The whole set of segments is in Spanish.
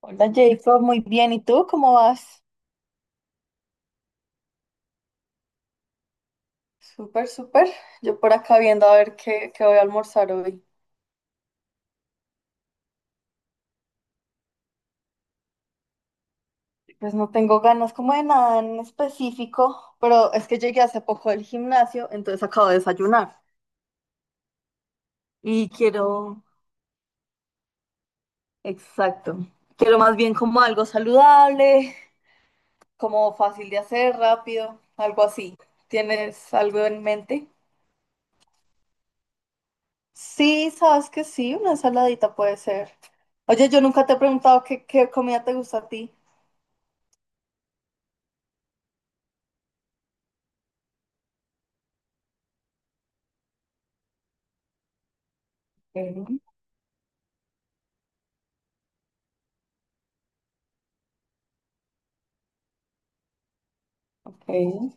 Hola Jacob, muy bien. ¿Y tú cómo vas? Súper, súper. Yo por acá viendo a ver qué voy a almorzar hoy. Pues no tengo ganas como de nada en específico, pero es que llegué hace poco del gimnasio, entonces acabo de desayunar. Y quiero, exacto, quiero más bien como algo saludable, como fácil de hacer, rápido, algo así. ¿Tienes algo en mente? Sí, sabes que sí, una ensaladita puede ser. Oye, yo nunca te he preguntado qué comida te gusta a ti. Ok.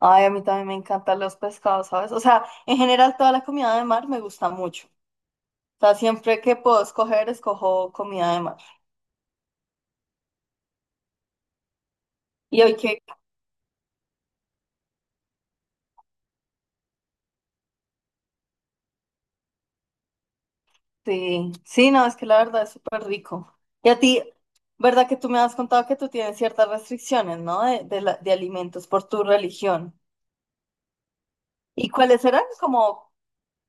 Ay, a mí también me encantan los pescados, ¿sabes? O sea, en general toda la comida de mar me gusta mucho. O sea, siempre que puedo escoger, escojo comida de mar. Y hoy que, sí, sí, no, es que la verdad es súper rico. Y a ti, ¿verdad que tú me has contado que tú tienes ciertas restricciones, ¿no? De alimentos por tu religión. ¿Y cuáles eran? Como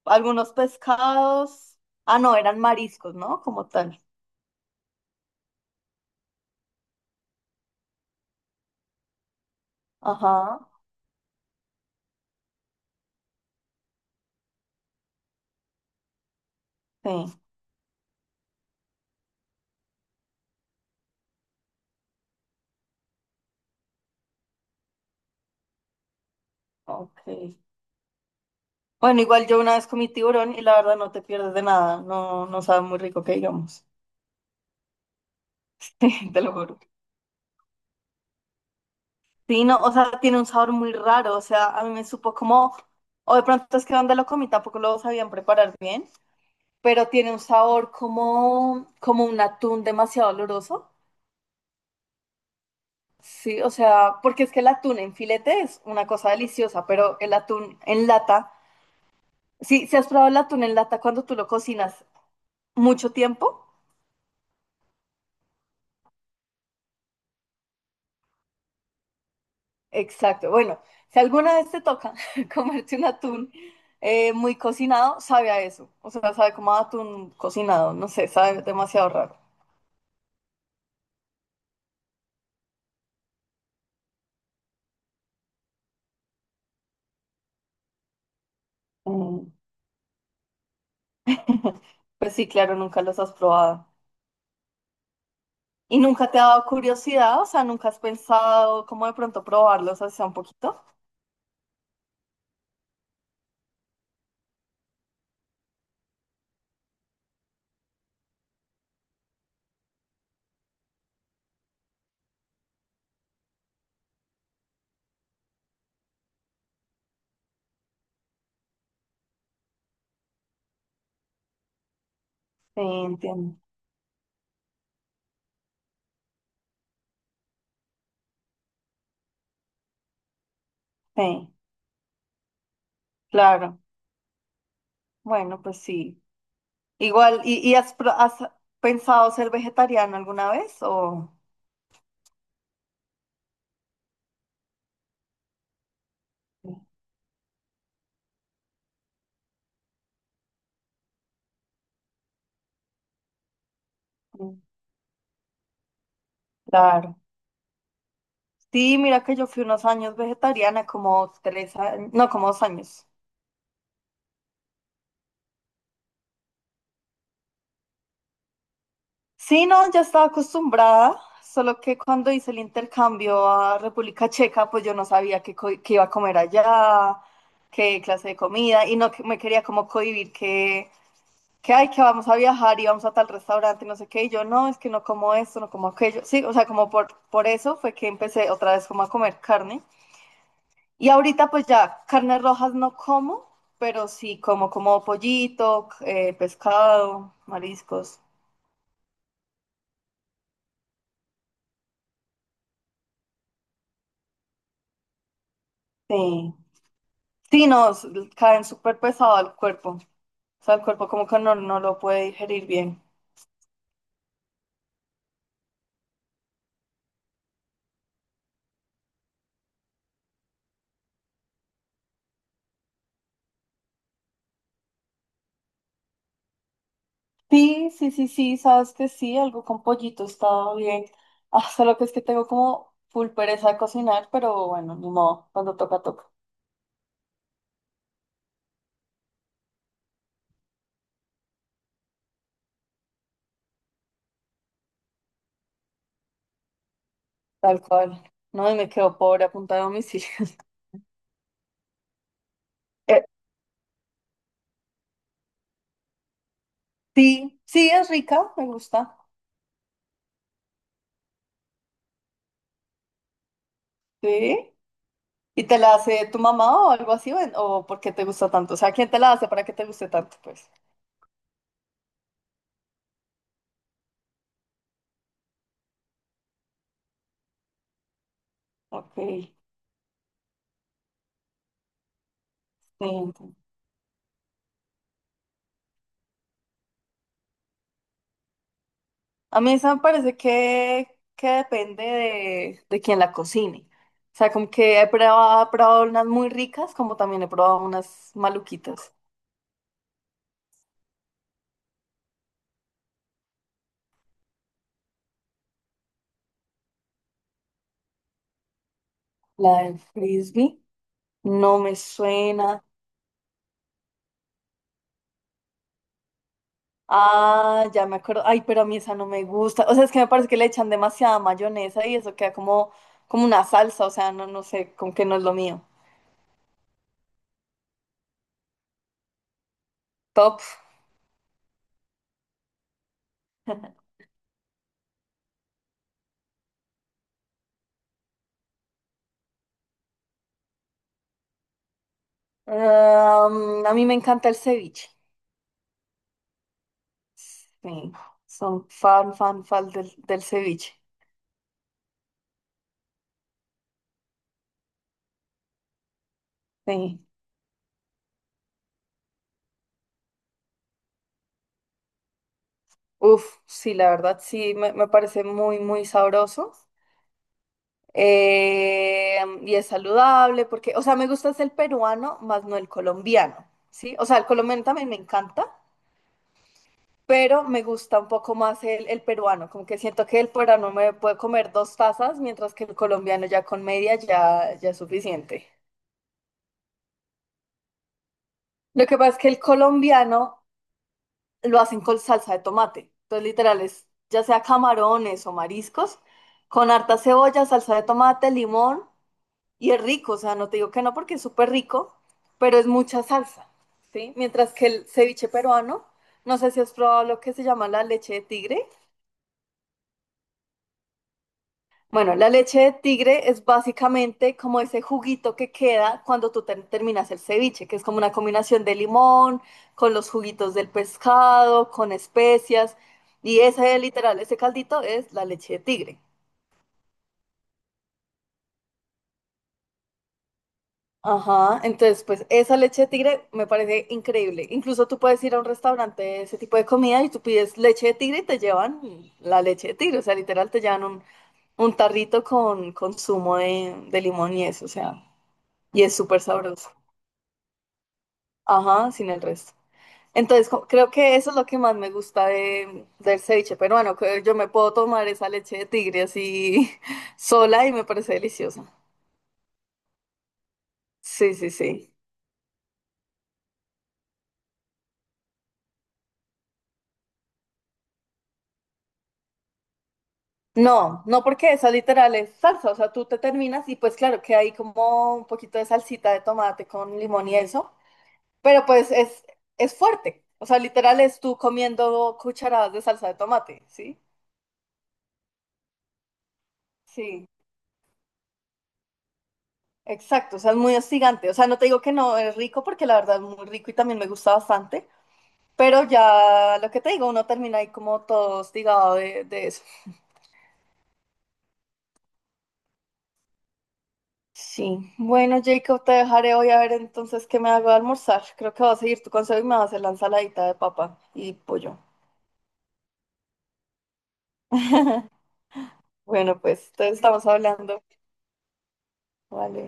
algunos pescados. Ah, no, eran mariscos, ¿no? Como tal. Ajá, sí, ok. Bueno, igual yo una vez comí tiburón y la verdad no te pierdes de nada, no, no sabe muy rico que digamos, sí, te lo juro. Sí, no, o sea, tiene un sabor muy raro, o sea, a mí me supo como, o de pronto es que donde lo comí tampoco lo sabían preparar bien, pero tiene un sabor como, como un atún demasiado oloroso, sí, o sea, porque es que el atún en filete es una cosa deliciosa, pero el atún en lata, sí, ¿si has probado el atún en lata cuando tú lo cocinas mucho tiempo? Exacto. Bueno, si alguna vez te toca comerte un atún muy cocinado, sabe a eso. O sea, sabe como a atún cocinado. No sé, sabe demasiado raro. Mm. Pues sí, claro, nunca los has probado. ¿Y nunca te ha dado curiosidad? O sea, ¿nunca has pensado cómo de pronto probarlos así sea un poquito? Sí, entiendo. Sí, claro. Bueno, pues sí. Igual, ¿y has pensado ser vegetariano alguna vez? O... Mm. Claro. Sí, mira que yo fui unos años vegetariana, como 3 años, no, como 2 años. Sí, no, ya estaba acostumbrada, solo que cuando hice el intercambio a República Checa, pues yo no sabía qué iba a comer allá, qué clase de comida, y no me quería como cohibir que, ay, que vamos a viajar y vamos a tal restaurante, no sé qué, y yo no, es que no como esto, no como aquello. Sí, o sea, como por eso fue que empecé otra vez como a comer carne. Y ahorita pues ya carnes rojas no como, pero sí como como pollito, pescado, mariscos. Sí, sí, nos caen súper pesado al cuerpo. O sea, el cuerpo como que no, no lo puede digerir bien. Sí, sí, sí, sí, sabes que sí, algo con pollito estaba bien. Ah, solo que es que tengo como full pereza de cocinar, pero bueno, ni modo, cuando toca, toca. Tal cual. No, y me quedo pobre a punta de homicidio. Eh, sí, sí, es rica, me gusta. Sí. ¿Y te la hace tu mamá o algo así? ¿O, o por qué te gusta tanto? O sea, ¿quién te la hace para que te guste tanto? Pues, ok, sí, entiendo. A mí esa me parece que depende de quién la cocine. O sea, como que he probado unas muy ricas, como también he probado unas maluquitas. La del frisbee no me suena. Ah, ya me acuerdo. Ay, pero a mí esa no me gusta. O sea, es que me parece que le echan demasiada mayonesa y eso queda como, como una salsa. O sea, no, no sé, como que no es lo mío. Top. Am, a mí me encanta el ceviche. Sí, son fan, fan, fan del ceviche. Sí. Uf, sí, la verdad, sí, me parece muy, muy sabroso. Y es saludable porque, o sea, me gusta es el peruano más no el colombiano, ¿sí? O sea, el colombiano también me encanta, pero me gusta un poco más el peruano, como que siento que el peruano me puede comer dos tazas, mientras que el colombiano ya con media ya, ya es suficiente. Lo que pasa es que el colombiano lo hacen con salsa de tomate. Entonces, literal, es ya sea camarones o mariscos, con harta cebolla, salsa de tomate, limón, y es rico, o sea, no te digo que no porque es súper rico, pero es mucha salsa, ¿sí? Mientras que el ceviche peruano, no sé si has probado lo que se llama la leche de tigre. Bueno, la leche de tigre es básicamente como ese juguito que queda cuando tú terminas el ceviche, que es como una combinación de limón con los juguitos del pescado, con especias, y ese literal, ese caldito es la leche de tigre. Ajá, entonces pues esa leche de tigre me parece increíble. Incluso tú puedes ir a un restaurante de ese tipo de comida y tú pides leche de tigre y te llevan la leche de tigre, o sea, literal te llevan un tarrito con zumo de limón y eso, o sea, y es súper sabroso. Ajá, sin el resto. Entonces, creo que eso es lo que más me gusta del ceviche peruano, que yo me puedo tomar esa leche de tigre así sola y me parece deliciosa. Sí, sí, sí. No, no porque esa literal es salsa, o sea, tú te terminas y pues claro que hay como un poquito de salsita de tomate con limón y eso, pero pues es fuerte, o sea, literal es tú comiendo cucharadas de salsa de tomate, ¿sí? Sí. Exacto, o sea, es muy hostigante. O sea, no te digo que no es rico porque la verdad es muy rico y también me gusta bastante, pero ya lo que te digo, uno termina ahí como todo hostigado de eso. Sí, bueno, Jacob, te dejaré hoy a ver entonces qué me hago de almorzar. Creo que voy a seguir tu consejo y me voy a hacer la ensaladita de papa y pollo. Bueno, pues, entonces estamos hablando. Vale.